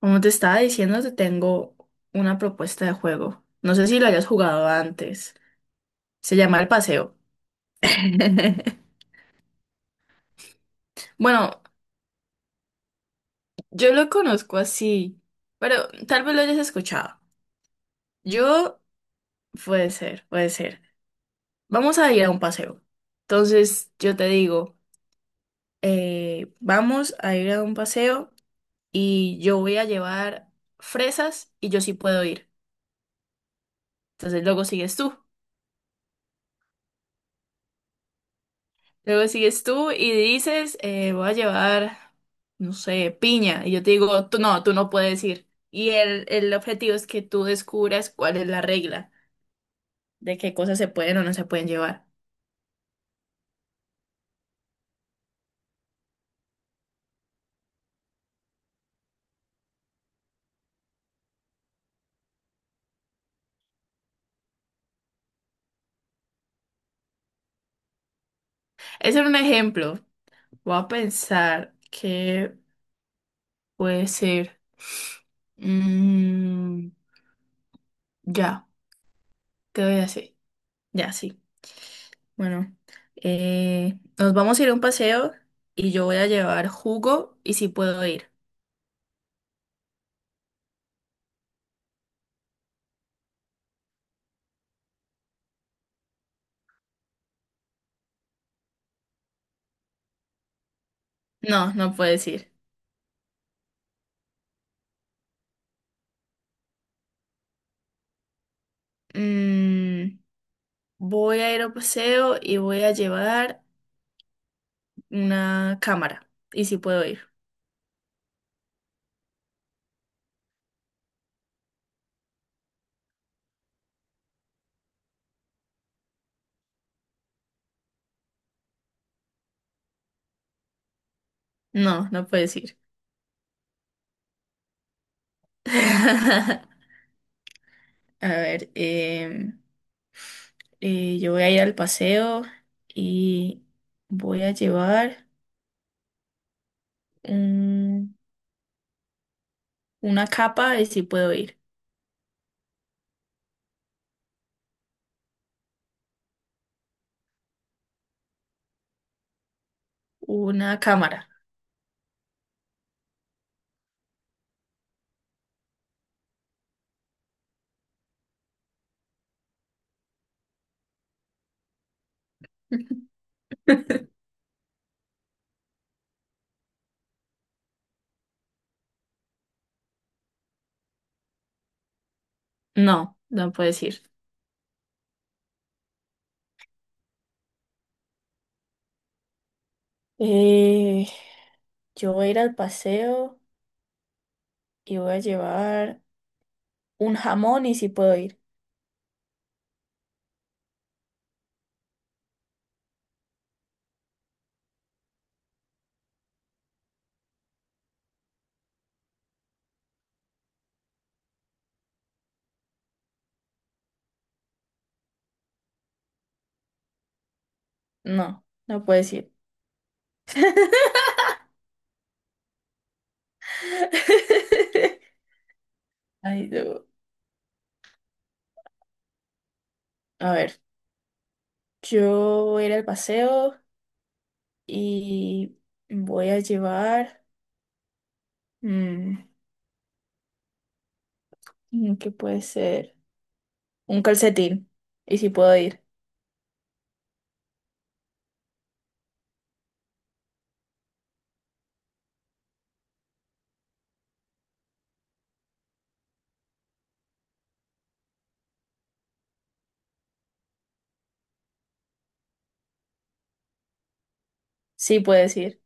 Como te estaba diciendo, te tengo una propuesta de juego. No sé si lo hayas jugado antes. Se llama El Paseo. Bueno, yo lo conozco así, pero tal vez lo hayas escuchado. Yo, puede ser. Vamos a ir a un paseo. Entonces, yo te digo, vamos a ir a un paseo y yo voy a llevar fresas y yo sí puedo ir. Entonces, luego sigues tú. Luego sigues tú y dices, voy a llevar, no sé, piña. Y yo te digo, tú no puedes ir. Y el objetivo es que tú descubras cuál es la regla de qué cosas se pueden o no se pueden llevar. Ese era un ejemplo. Voy a pensar que puede ser. Mm, ya, te voy a decir. Ya, sí. Bueno, nos vamos a ir a un paseo y yo voy a llevar jugo y si puedo ir. No, no puedes ir. mm, voy a ir a un paseo y voy a llevar una cámara. ¿Y si puedo ir? No, no puedes ir. A ver, yo voy a ir al paseo y voy a llevar un- una capa y si puedo ir. Una cámara. No, no puedes ir. Eh, yo voy a ir al paseo y voy a llevar un jamón y si puedo ir. No, no puedes ir. Ay, no. A ver, yo voy a ir al paseo y voy a llevar, mm, ¿qué puede ser? Un calcetín. ¿Y si puedo ir? Sí, puedes ir.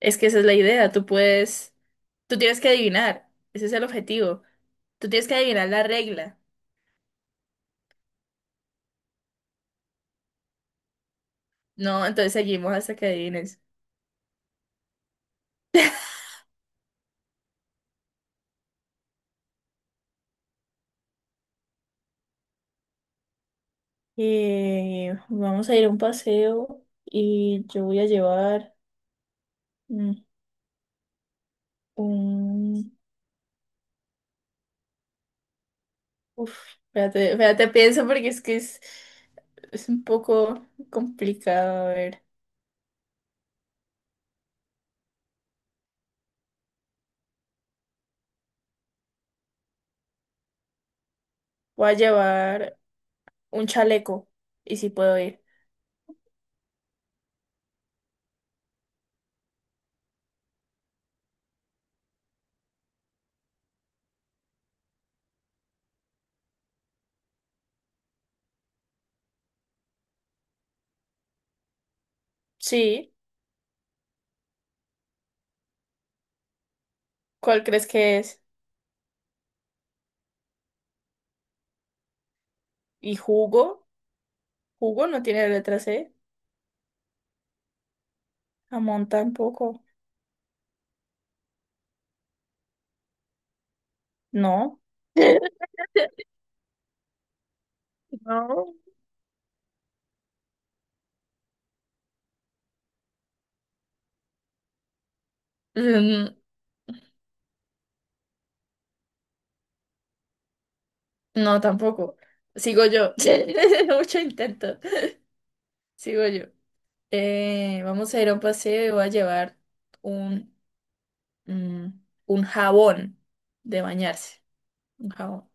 Es que esa es la idea. Tú puedes, tú tienes que adivinar. Ese es el objetivo. Tú tienes que adivinar la regla. No, entonces seguimos hasta que adivines. Vamos a ir a un paseo y yo voy a llevar. mm, Un... Uf, espérate, pienso porque es un poco complicado. A ver, voy a llevar un chaleco y si puedo ir. Sí, ¿cuál crees que es? ¿Y jugo? ¿Jugo no tiene letra C? Jamón tampoco. No. No. Mm. No, tampoco. Sigo yo. Mucho intento. Sigo yo. Vamos a ir a un paseo y voy a llevar un Mm, un jabón de bañarse. Un jabón.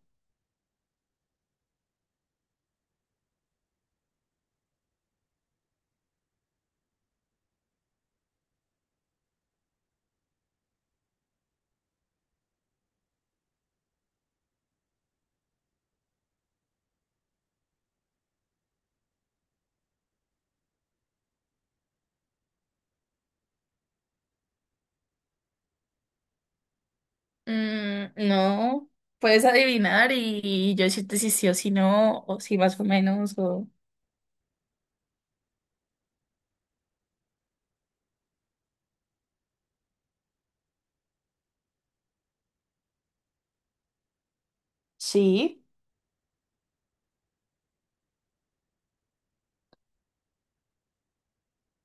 No, puedes adivinar y yo decirte si sí o si no, o si más o menos, o... Sí,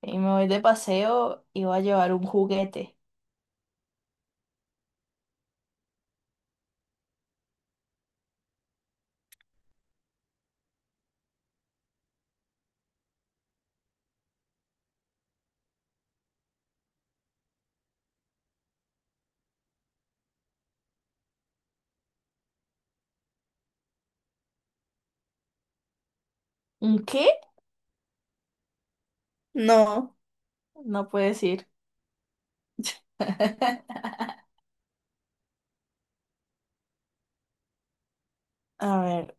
y me voy de paseo y voy a llevar un juguete. ¿Un qué? No. No puedes ir. A ver,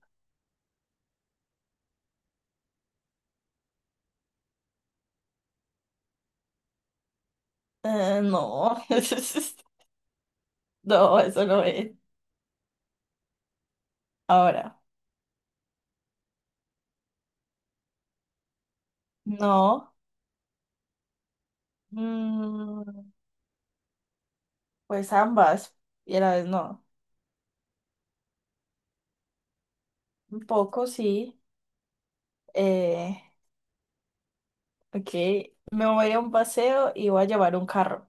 no, no, eso no es. Ahora, no, mm, pues ambas, y a la vez no. Un poco sí. Eh, ok, me voy a un paseo y voy a llevar un carro.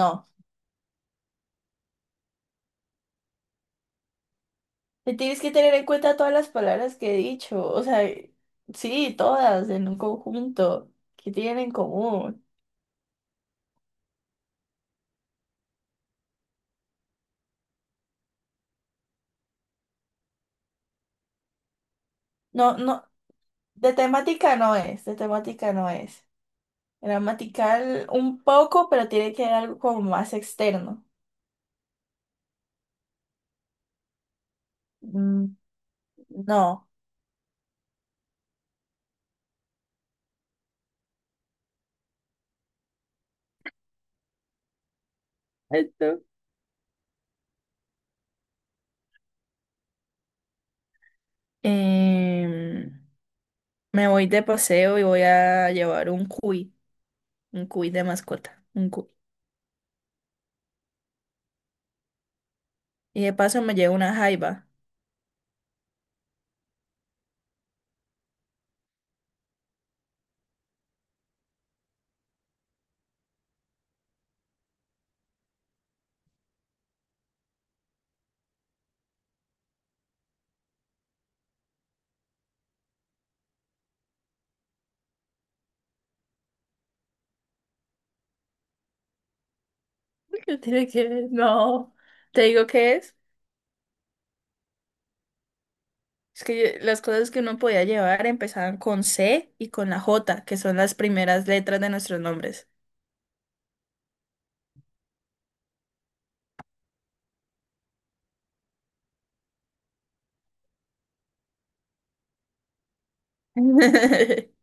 No, te tienes que tener en cuenta todas las palabras que he dicho, o sea, sí, todas en un conjunto que tienen en común. No, no, de temática no es, de temática no es. Gramatical un poco, pero tiene que haber algo como más externo. Mm. No. Esto. Em, me voy de paseo y voy a llevar un cuy de mascota, un cuy. Y de paso me llevo una jaiba. ¿Qué tiene que ver? No. Te digo qué es. Es que las cosas que uno podía llevar empezaban con C y con la J, que son las primeras letras de nuestros nombres.